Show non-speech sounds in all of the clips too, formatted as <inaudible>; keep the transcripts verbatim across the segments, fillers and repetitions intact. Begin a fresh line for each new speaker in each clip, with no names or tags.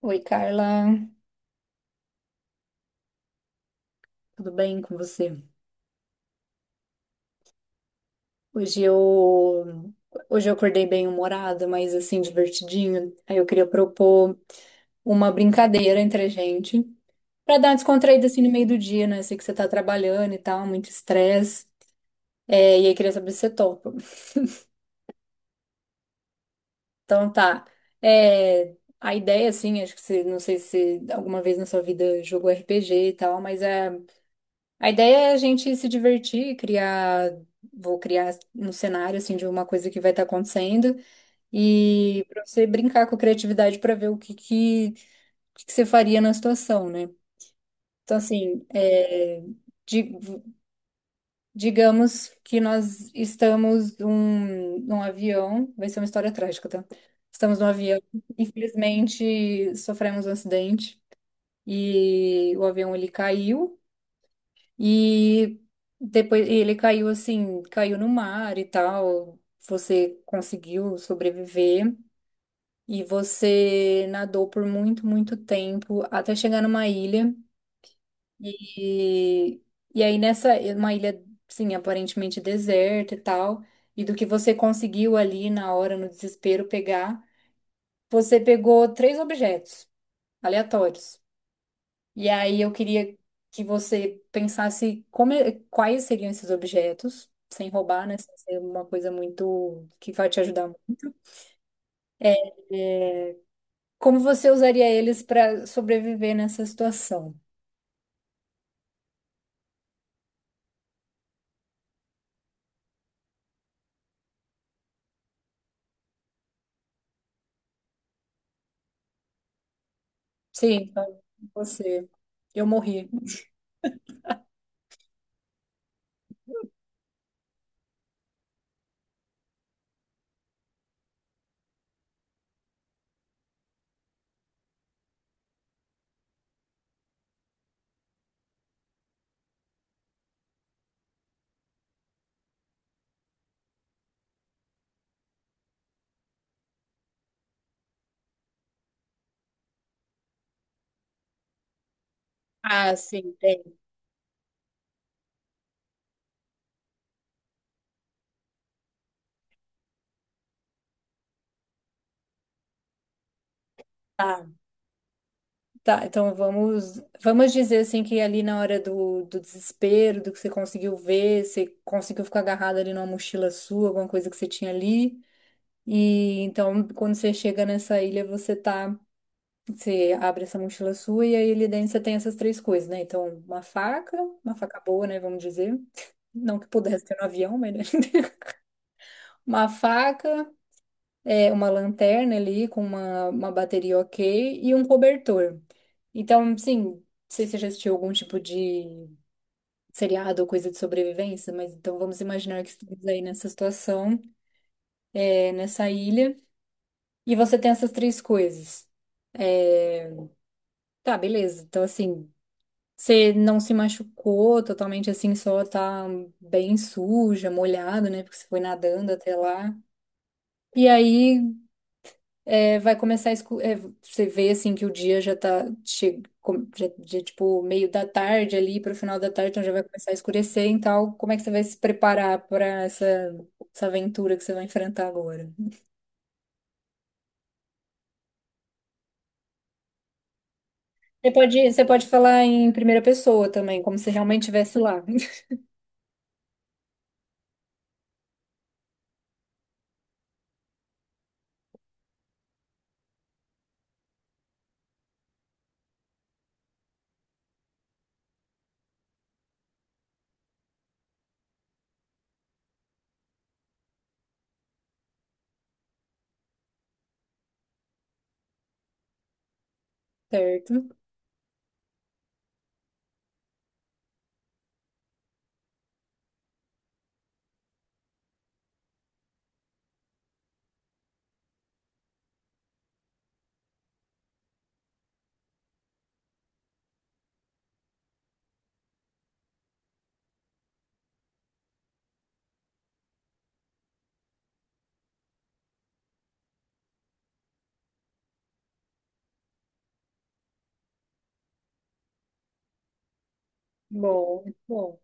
Oi, Carla, tudo bem com você? Hoje eu hoje eu acordei bem humorada, mas assim divertidinha. Aí eu queria propor uma brincadeira entre a gente pra dar uma descontraída assim no meio do dia, né? Sei que você tá trabalhando e tal, muito estresse. É, e aí queria saber se você topa. Então tá. É, a ideia assim, acho que você não sei se alguma vez na sua vida jogou R P G e tal, mas é A ideia é a gente se divertir, criar, vou criar um cenário assim de uma coisa que vai estar acontecendo e para você brincar com a criatividade para ver o que que, o que que você faria na situação, né? Então assim, é, di- digamos que nós estamos num, num avião, vai ser uma história trágica, tá? Estamos num avião, infelizmente sofremos um acidente e o avião ele caiu. E depois ele caiu assim, caiu no mar e tal. Você conseguiu sobreviver e você nadou por muito, muito tempo até chegar numa ilha. E, e aí nessa, uma ilha, sim, aparentemente deserta e tal. E do que você conseguiu ali na hora, no desespero, pegar, você pegou três objetos aleatórios. E aí eu queria que você pensasse como é- quais seriam esses objetos, sem roubar, né? Sem ser uma coisa muito que vai te ajudar muito. Como você usaria eles para sobreviver nessa situação? Sim, então você. Eu morri. Ah, sim, tem. Tá, tá. Então vamos, vamos dizer assim que ali na hora do, do desespero, do que você conseguiu ver, você conseguiu ficar agarrado ali numa mochila sua, alguma coisa que você tinha ali. E então, quando você chega nessa ilha, você tá Você abre essa mochila sua e aí ali dentro você tem essas três coisas, né? Então, uma faca, uma faca boa, né? Vamos dizer. Não que pudesse ter no avião, mas, né? <laughs> Uma faca, é, uma lanterna ali com uma, uma bateria ok e um cobertor. Então, sim, não sei se você já assistiu algum tipo de seriado ou coisa de sobrevivência, mas então vamos imaginar que estamos aí nessa situação, é, nessa ilha, e você tem essas três coisas. É, tá, beleza. Então, assim. Você não se machucou totalmente assim, só tá bem suja, molhado, né? Porque você foi nadando até lá. E aí é, vai começar a escu é, você vê assim que o dia já tá che com- já, já, tipo meio da tarde ali para o final da tarde, então já vai começar a escurecer e tal. Como é que você vai se preparar para essa, essa aventura que você vai enfrentar agora? Você pode, você pode falar em primeira pessoa também, como se realmente estivesse lá. <laughs> Certo? Bom, bom.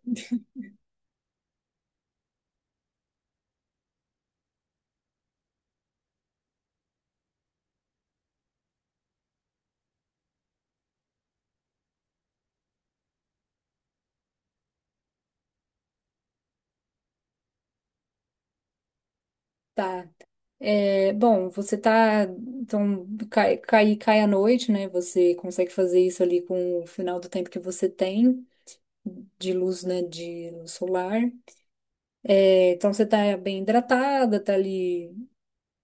Tá. É, bom, você tá, então, cai, cai, cai à noite, né? Você consegue fazer isso ali com o final do tempo que você tem de luz, né? De luz solar. É, então, você tá bem hidratada, tá ali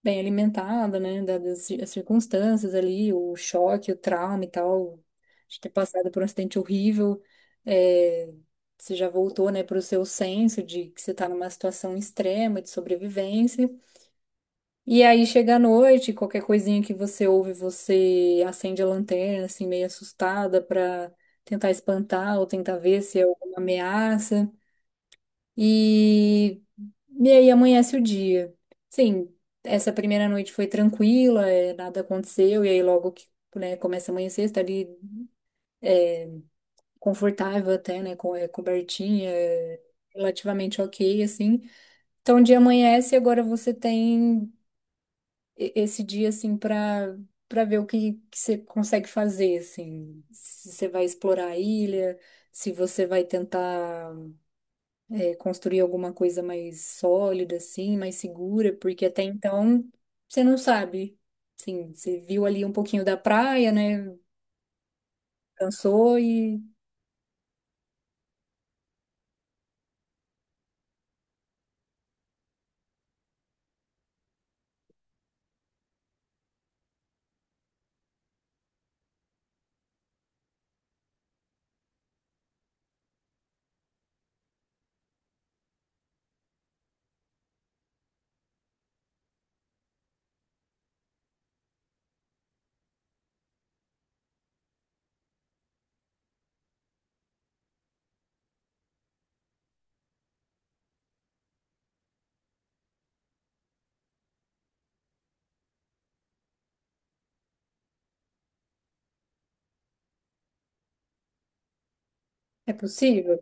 bem alimentada, né? Dadas as ci- as circunstâncias ali, o choque, o trauma e tal, de ter passado por um acidente horrível. É, você já voltou, né, para o seu senso de que você tá numa situação extrema de sobrevivência. E aí chega a noite, qualquer coisinha que você ouve, você acende a lanterna, assim, meio assustada pra tentar espantar ou tentar ver se é alguma ameaça. E, e aí amanhece o dia. Sim, essa primeira noite foi tranquila, é, nada aconteceu, e aí logo que, né, começa a amanhecer, você tá ali confortável até, né, com é, cobertinha, é, relativamente ok, assim. Então o dia amanhece e agora você tem e- esse dia assim para para ver o que que você consegue fazer assim, se você vai explorar a ilha, se você vai tentar é, construir alguma coisa mais sólida assim, mais segura, porque até então você não sabe. Sim, você viu ali um pouquinho da praia, né? Cansou e é possível.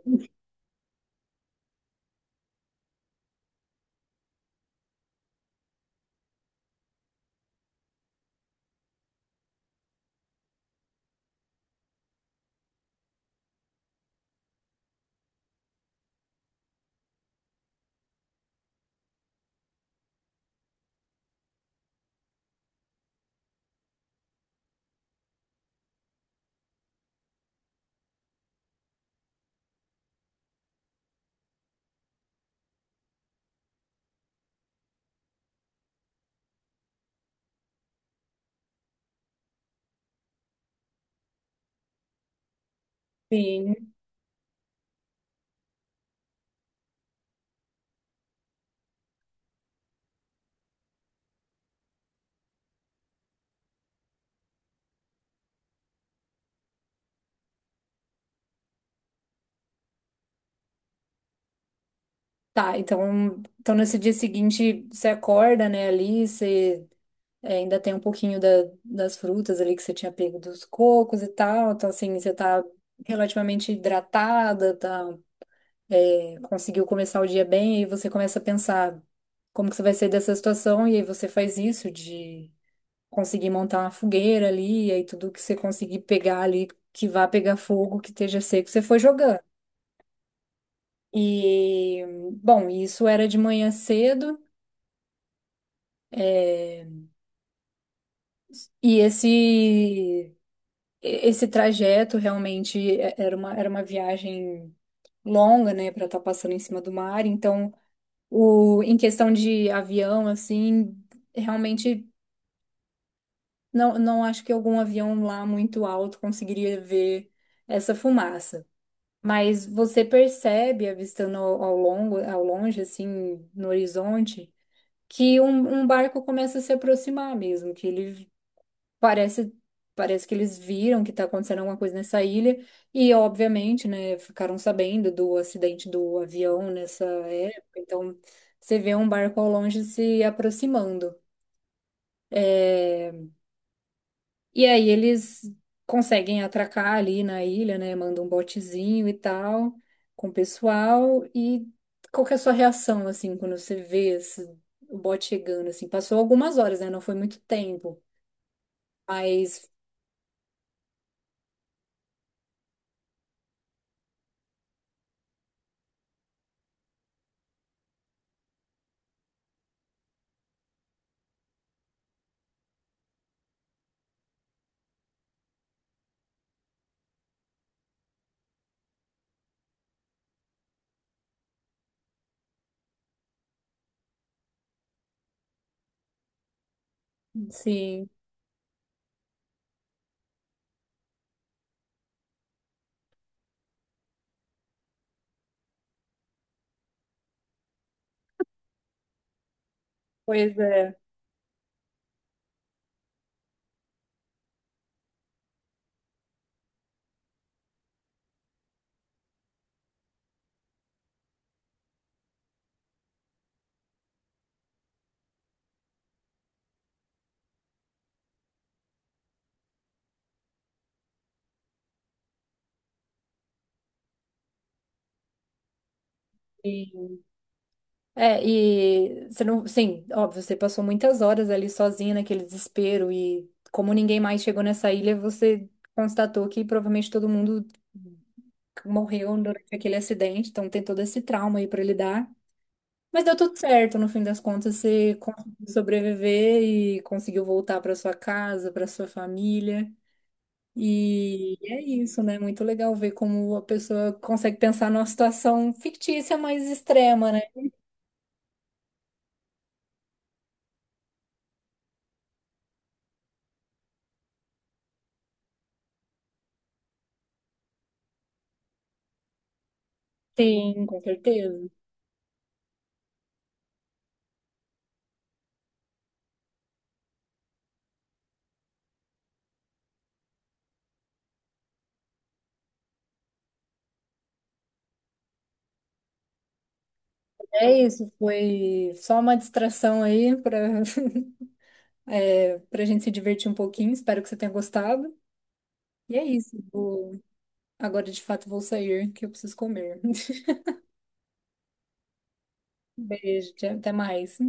Sim. Tá, então, então nesse dia seguinte você acorda, né, ali, você é, ainda tem um pouquinho da- das frutas ali que você tinha pego dos cocos e tal. Então, assim, você tá relativamente hidratada, tá, é, conseguiu começar o dia bem, e aí você começa a pensar como que você vai sair dessa situação, e aí você faz isso de conseguir montar uma fogueira ali, e aí tudo que você conseguir pegar ali, que vá pegar fogo, que esteja seco, você foi jogando. E, bom, isso era de manhã cedo. É, e esse esse trajeto realmente é- era uma, era uma viagem longa, né, para estar passando em cima do mar. Então, o, em questão de avião, assim, realmente não, não acho que algum avião lá muito alto conseguiria ver essa fumaça. Mas você percebe, avistando ao ao longo, ao longe, assim, no horizonte, que um, um barco começa a se aproximar mesmo, que ele Parece, parece que eles viram que tá acontecendo alguma coisa nessa ilha e, obviamente, né, ficaram sabendo do acidente do avião nessa época. Então, você vê um barco ao longe se aproximando. E aí eles conseguem atracar ali na ilha, né, mandam um botezinho e tal com o pessoal. E qual que é a sua reação, assim, quando você vê esse, o bote chegando, assim? Passou algumas horas, né, não foi muito tempo, mas, sim, pois é. É, e você não, sim, óbvio, você passou muitas horas ali sozinha naquele desespero e como ninguém mais chegou nessa ilha, você constatou que provavelmente todo mundo morreu durante aquele acidente, então tem todo esse trauma aí pra lidar. Mas deu tudo certo, no fim das contas você conseguiu sobreviver e conseguiu voltar pra sua casa, pra sua família. E é isso, né? Muito legal ver como a pessoa consegue pensar numa situação fictícia, mas extrema, né? Sim, com certeza. É isso, foi só uma distração aí para <laughs> é, para gente se divertir um pouquinho. Espero que você tenha gostado. E é isso. vou- Agora de fato vou sair, que eu preciso comer. <laughs> Beijo, tchau, até mais.